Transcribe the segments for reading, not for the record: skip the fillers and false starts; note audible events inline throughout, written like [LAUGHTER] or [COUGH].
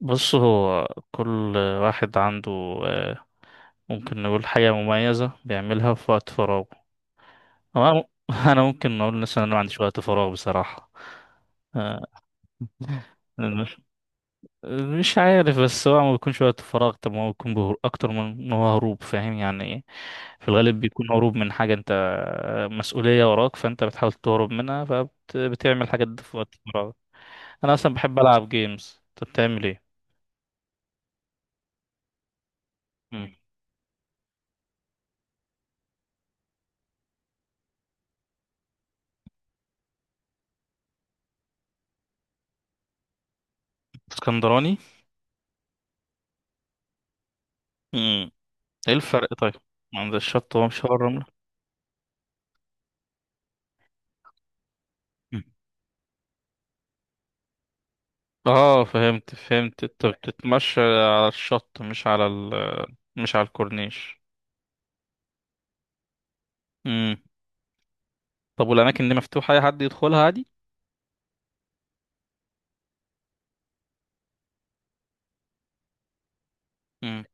بص، هو كل واحد عنده آه، ممكن نقول حاجة مميزة بيعملها في وقت فراغه أو أنا. [LAUGHS] أنا ممكن أقول مثلا أنا ما عنديش وقت فراغ بصراحة. آه، مش مش عارف، بس هو ما بيكونش وقت فراغ. طب ما هو بيكون أكتر من إن هو هروب. فاهم يعني إيه؟ في الغالب بيكون هروب من حاجة. أنت مسؤولية وراك، فأنت بتحاول تهرب منها، فبتعمل حاجات دي في وقت فراغك. أنا أصلا بحب ألعب جيمز، أنت بتعمل إيه؟ مم. اسكندراني؟ ايه الفرق طيب؟ عند الشط، هو مش هو الرملة؟ مم. اه، فهمت فهمت، انت بتتمشى على الشط مش على الكورنيش. امم. طب والاماكن دي مفتوحة، اي حد يدخلها عادي؟ امم.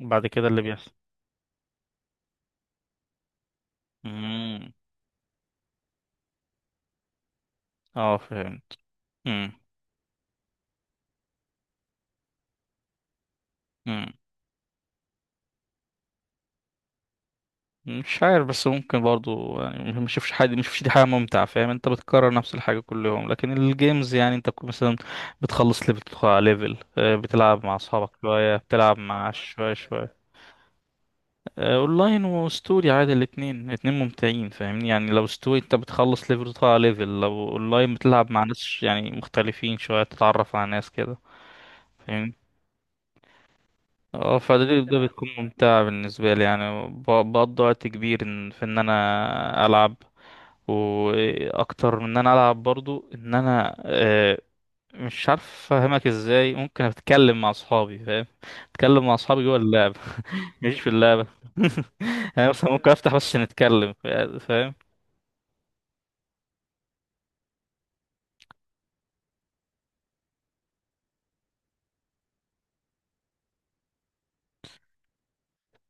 بعد كده اللي بيحصل؟ امم. اه فهمت. امم. امم. مش عارف، بس ممكن برضو، يعني ما نشوفش حاجة، ما نشوفش دي حاجة ممتعة. فاهم، انت بتكرر نفس الحاجة كل يوم، لكن الجيمز يعني انت مثلا بتخلص ليفل بتدخل على ليفل، بتلعب مع اصحابك شوية، بتلعب مع شوية شوية. اونلاين وستوري عادي، الاتنين الاتنين ممتعين. فاهمني يعني، لو ستوري انت بتخلص ليفل وتطلع ليفل، لو اونلاين بتلعب مع ناس يعني مختلفين شوية، تتعرف على ناس كده. فاهمني؟ اه، فده ده بتكون ممتعة بالنسبة لي. يعني بقضي وقت كبير في ان انا العب، واكتر من ان انا العب برضو ان انا، مش عارف افهمك ازاي. ممكن اتكلم مع اصحابي، فاهم، اتكلم مع اصحابي جوه اللعب، مش في اللعبة. [LAUGHS] يعني مثلا ممكن افتح بس نتكلم، فاهم؟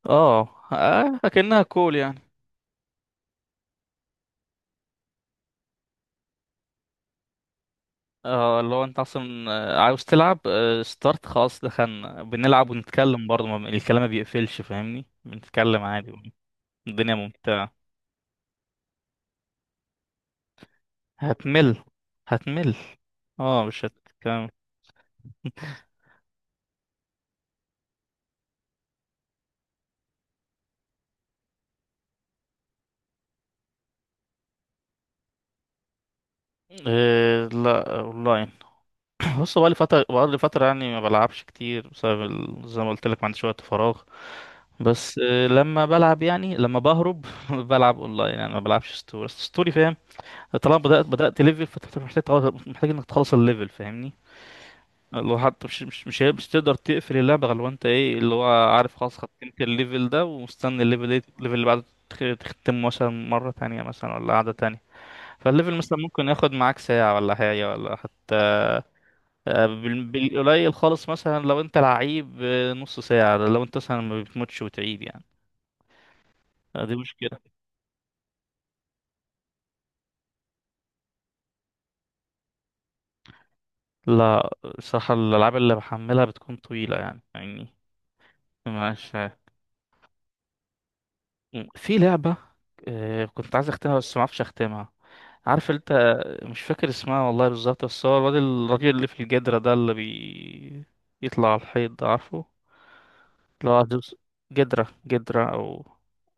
اه. اكنها كول يعني. اه، اللي هو انت اصلا عاوز تلعب، ستارت خلاص دخلنا بنلعب، ونتكلم برضه، الكلام ما بيقفلش فاهمني، بنتكلم عادي. الدنيا ممتعة. هتمل، هتمل. اه مش هتكلم. إيه، لا اونلاين. بص، بقالي فترة يعني ما بلعبش كتير بسبب زي ما قلت لك ما عنديش وقت فراغ. بس لما بلعب، يعني لما بهرب [LAUGHS] بلعب اونلاين، يعني ما بلعبش ستوري. أصل ستوري، فاهم، طالما بدأت ليفل فانت محتاج انك تخلص الليفل، فاهمني. اللي هو حتى مش تقدر تقفل اللعبة غير لو انت ايه اللي هو عارف، خلاص ختمت الليفل ده ومستني الليفل، ايه الليفل اللي بعده؟ تختمه مثلا مرة تانية، مثلا ولا قعدة تانية. فالليفل مثلا ممكن ياخد معاك ساعة ولا حاجة، ولا حتى بالقليل خالص. مثلا لو انت لعيب، نص ساعة، لو انت مثلا ما بتموتش وتعيد يعني. دي مشكلة. لا، صراحة الألعاب اللي بحملها بتكون طويلة يعني يعني. مش في لعبة كنت عايز أختمها بس معرفش أختمها، عارف أنت. مش فاكر اسمها والله بالظبط، بس هو الواد الراجل اللي في الجدرة ده اللي يطلع على الحيط ده، عارفه، اللي هو جدرة جدرة، أو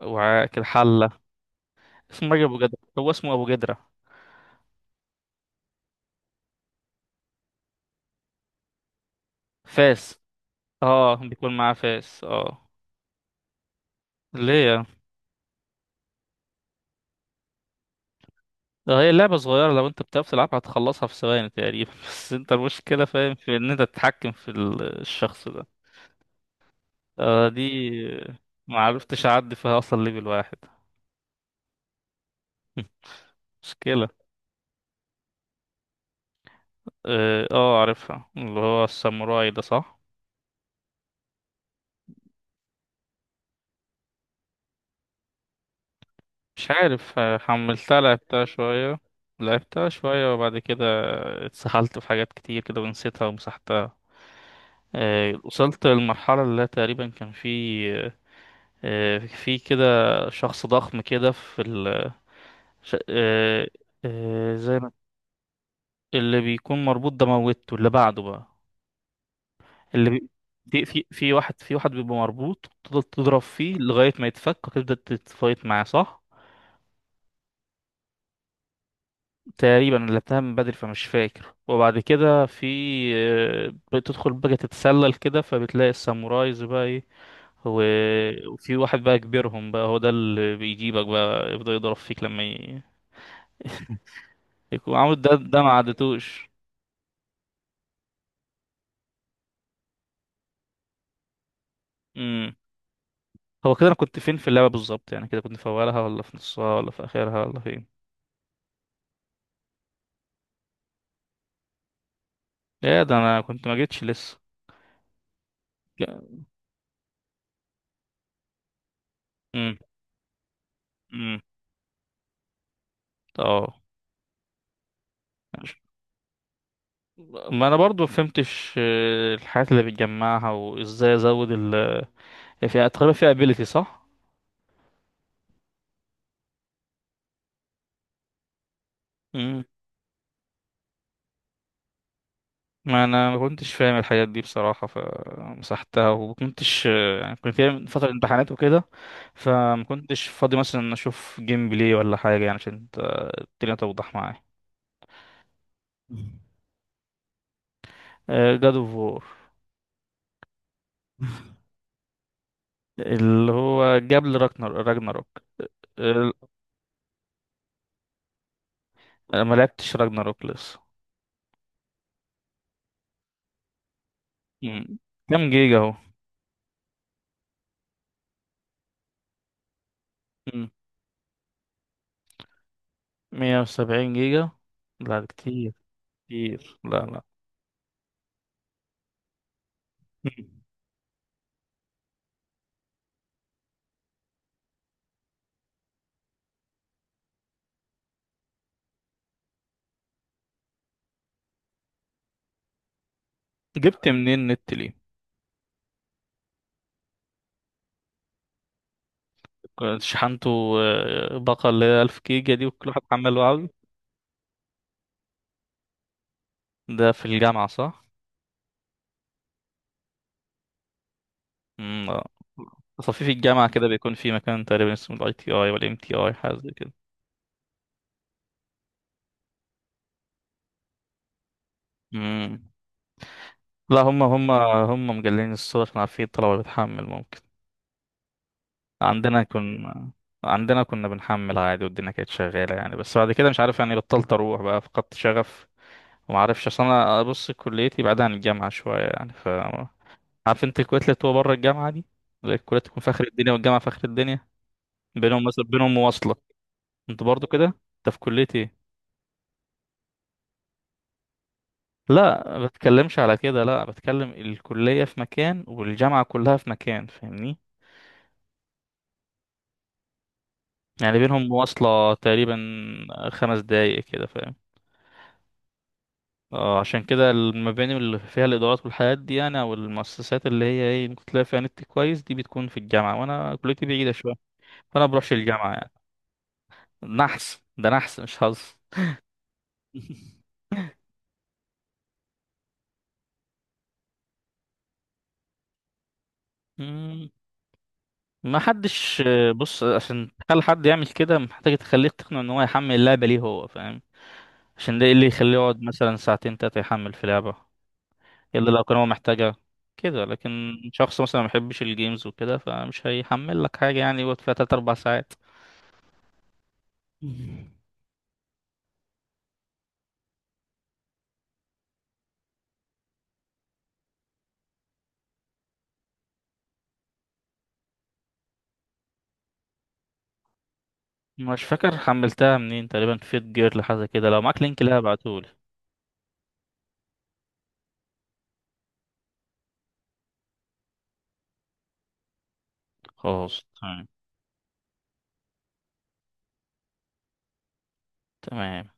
وعاء كده، حلة. اسمه راجل أبو جدرة، هو اسمه أبو جدرة. فاس، اه بيكون معاه فاس اه. ليه يعني؟ ده هي اللعبة صغيرة، لو انت بتعرف تلعبها هتخلصها في ثواني تقريبا. [LAUGHS] بس انت المشكلة فاهم في ان انت تتحكم في الشخص ده. آه دي، ما عرفتش اعدي فيها اصلا ليفل واحد. [LAUGHS] مشكلة. اه اه، عارفها، اللي هو الساموراي ده صح. مش عارف، حملتها لعبتها شوية، لعبتها شوية وبعد كده اتسحلت في حاجات كتير كده ونسيتها ومسحتها. وصلت للمرحلة اللي تقريبا كان في آه، في كده شخص ضخم كده في ش... آه... زي ما اللي بيكون مربوط ده، موتته اللي بعده بقى. اللي بي... في في في واحد بيبقى مربوط، تفضل تضرب فيه لغاية ما يتفك، وتبدأ تتفايت معاه صح؟ تقريبا اللي اتهم من بدري، فمش فاكر. وبعد كده في بتدخل بقى تتسلل كده، فبتلاقي السامورايز بقى ايه، وفي واحد بقى كبيرهم بقى، هو ده اللي بيجيبك بقى، يفضل يضرب فيك لما يكون عامل ده، ما عدتوش. هو كده انا كنت فين في اللعبه بالظبط يعني؟ كده كنت في اولها، ولا في نصها، ولا في اخرها، ولا فين؟ ايه ده، انا كنت ما جيتش لسه. امم. امم. اه. ماشي. ما انا برضو ما فهمتش، الحاجات اللي بتجمعها وازاي ازود ال فيها. تقريبا فيها ابيليتي صح. امم. ما انا ما كنتش فاهم الحاجات دي بصراحه، فمسحتها، وما كنتش يعني كنت في فتره امتحانات وكده، فما كنتش فاضي مثلا اشوف جيم بلاي ولا حاجه، يعني عشان الدنيا توضح معايا. جاد اوف وور. اللي هو جاب لي راجنر راجناروك ال- أنا ما لعبتش راجناروك لسه. مم. كام جيجا اهو؟ مم. 170 جيجا؟ لا ده كتير، كتير، لا لا. مم. جبت منين النت ليه؟ كنت شحنته باقة اللي هي 1000 جيجا دي، وكل واحد حمل وعلي؟ ده في الجامعة صح؟ مم، آه. تصفيف الجامعة كده بيكون في مكان تقريبا اسمه الاي تي اي ولا ام تي اي، حاجة زي كده. مم. لا، هم هم مجلين الصورة عشان عارفين الطلبة بتحمل، ممكن. عندنا كنا عندنا كنا بنحمل عادي والدنيا كانت شغالة يعني، بس بعد كده مش عارف يعني، بطلت أروح بقى، فقدت شغف. ومعرفش أصل أنا أبص كليتي بعيدة عن الجامعة شوية يعني، ف عارف أنت الكويت اللي بتبقى بره الجامعة دي، اللي الكلية تكون في آخر الدنيا والجامعة في آخر الدنيا، بينهم مواصلة. أنت برضو كده؟ أنت في كلية إيه؟ لا ما بتكلمش على كده، لا بتكلم الكلية في مكان والجامعة كلها في مكان فاهمني، يعني بينهم مواصلة تقريبا 5 دقايق كده. اه، عشان كده المباني اللي فيها الادارات والحاجات دي يعني، او المؤسسات اللي هي ايه ممكن تلاقي فيها نت كويس، دي بتكون في الجامعه، وانا كليتي بعيده شويه، فانا بروحش الجامعه يعني. نحس ده، نحس مش حظ. [LAUGHS] مم، ما حدش. بص، عشان تخلي حد يعمل كده محتاج تخليه تقنع ان هو يحمل اللعبه، ليه هو فاهم عشان ده، إيه اللي يخليه يقعد مثلا 2 3 يحمل في لعبه الا لو كان هو محتاجها كده. لكن شخص مثلا ما بيحبش الجيمز وكده، فمش هيحمل لك حاجه يعني يقعد فيها 3 4 ساعات. [LAUGHS] مش فاكر حملتها منين، تقريبا فيت جير لحاجة كده، لو معاك لينك لها ابعتهولي. خلاص تمام. تمام.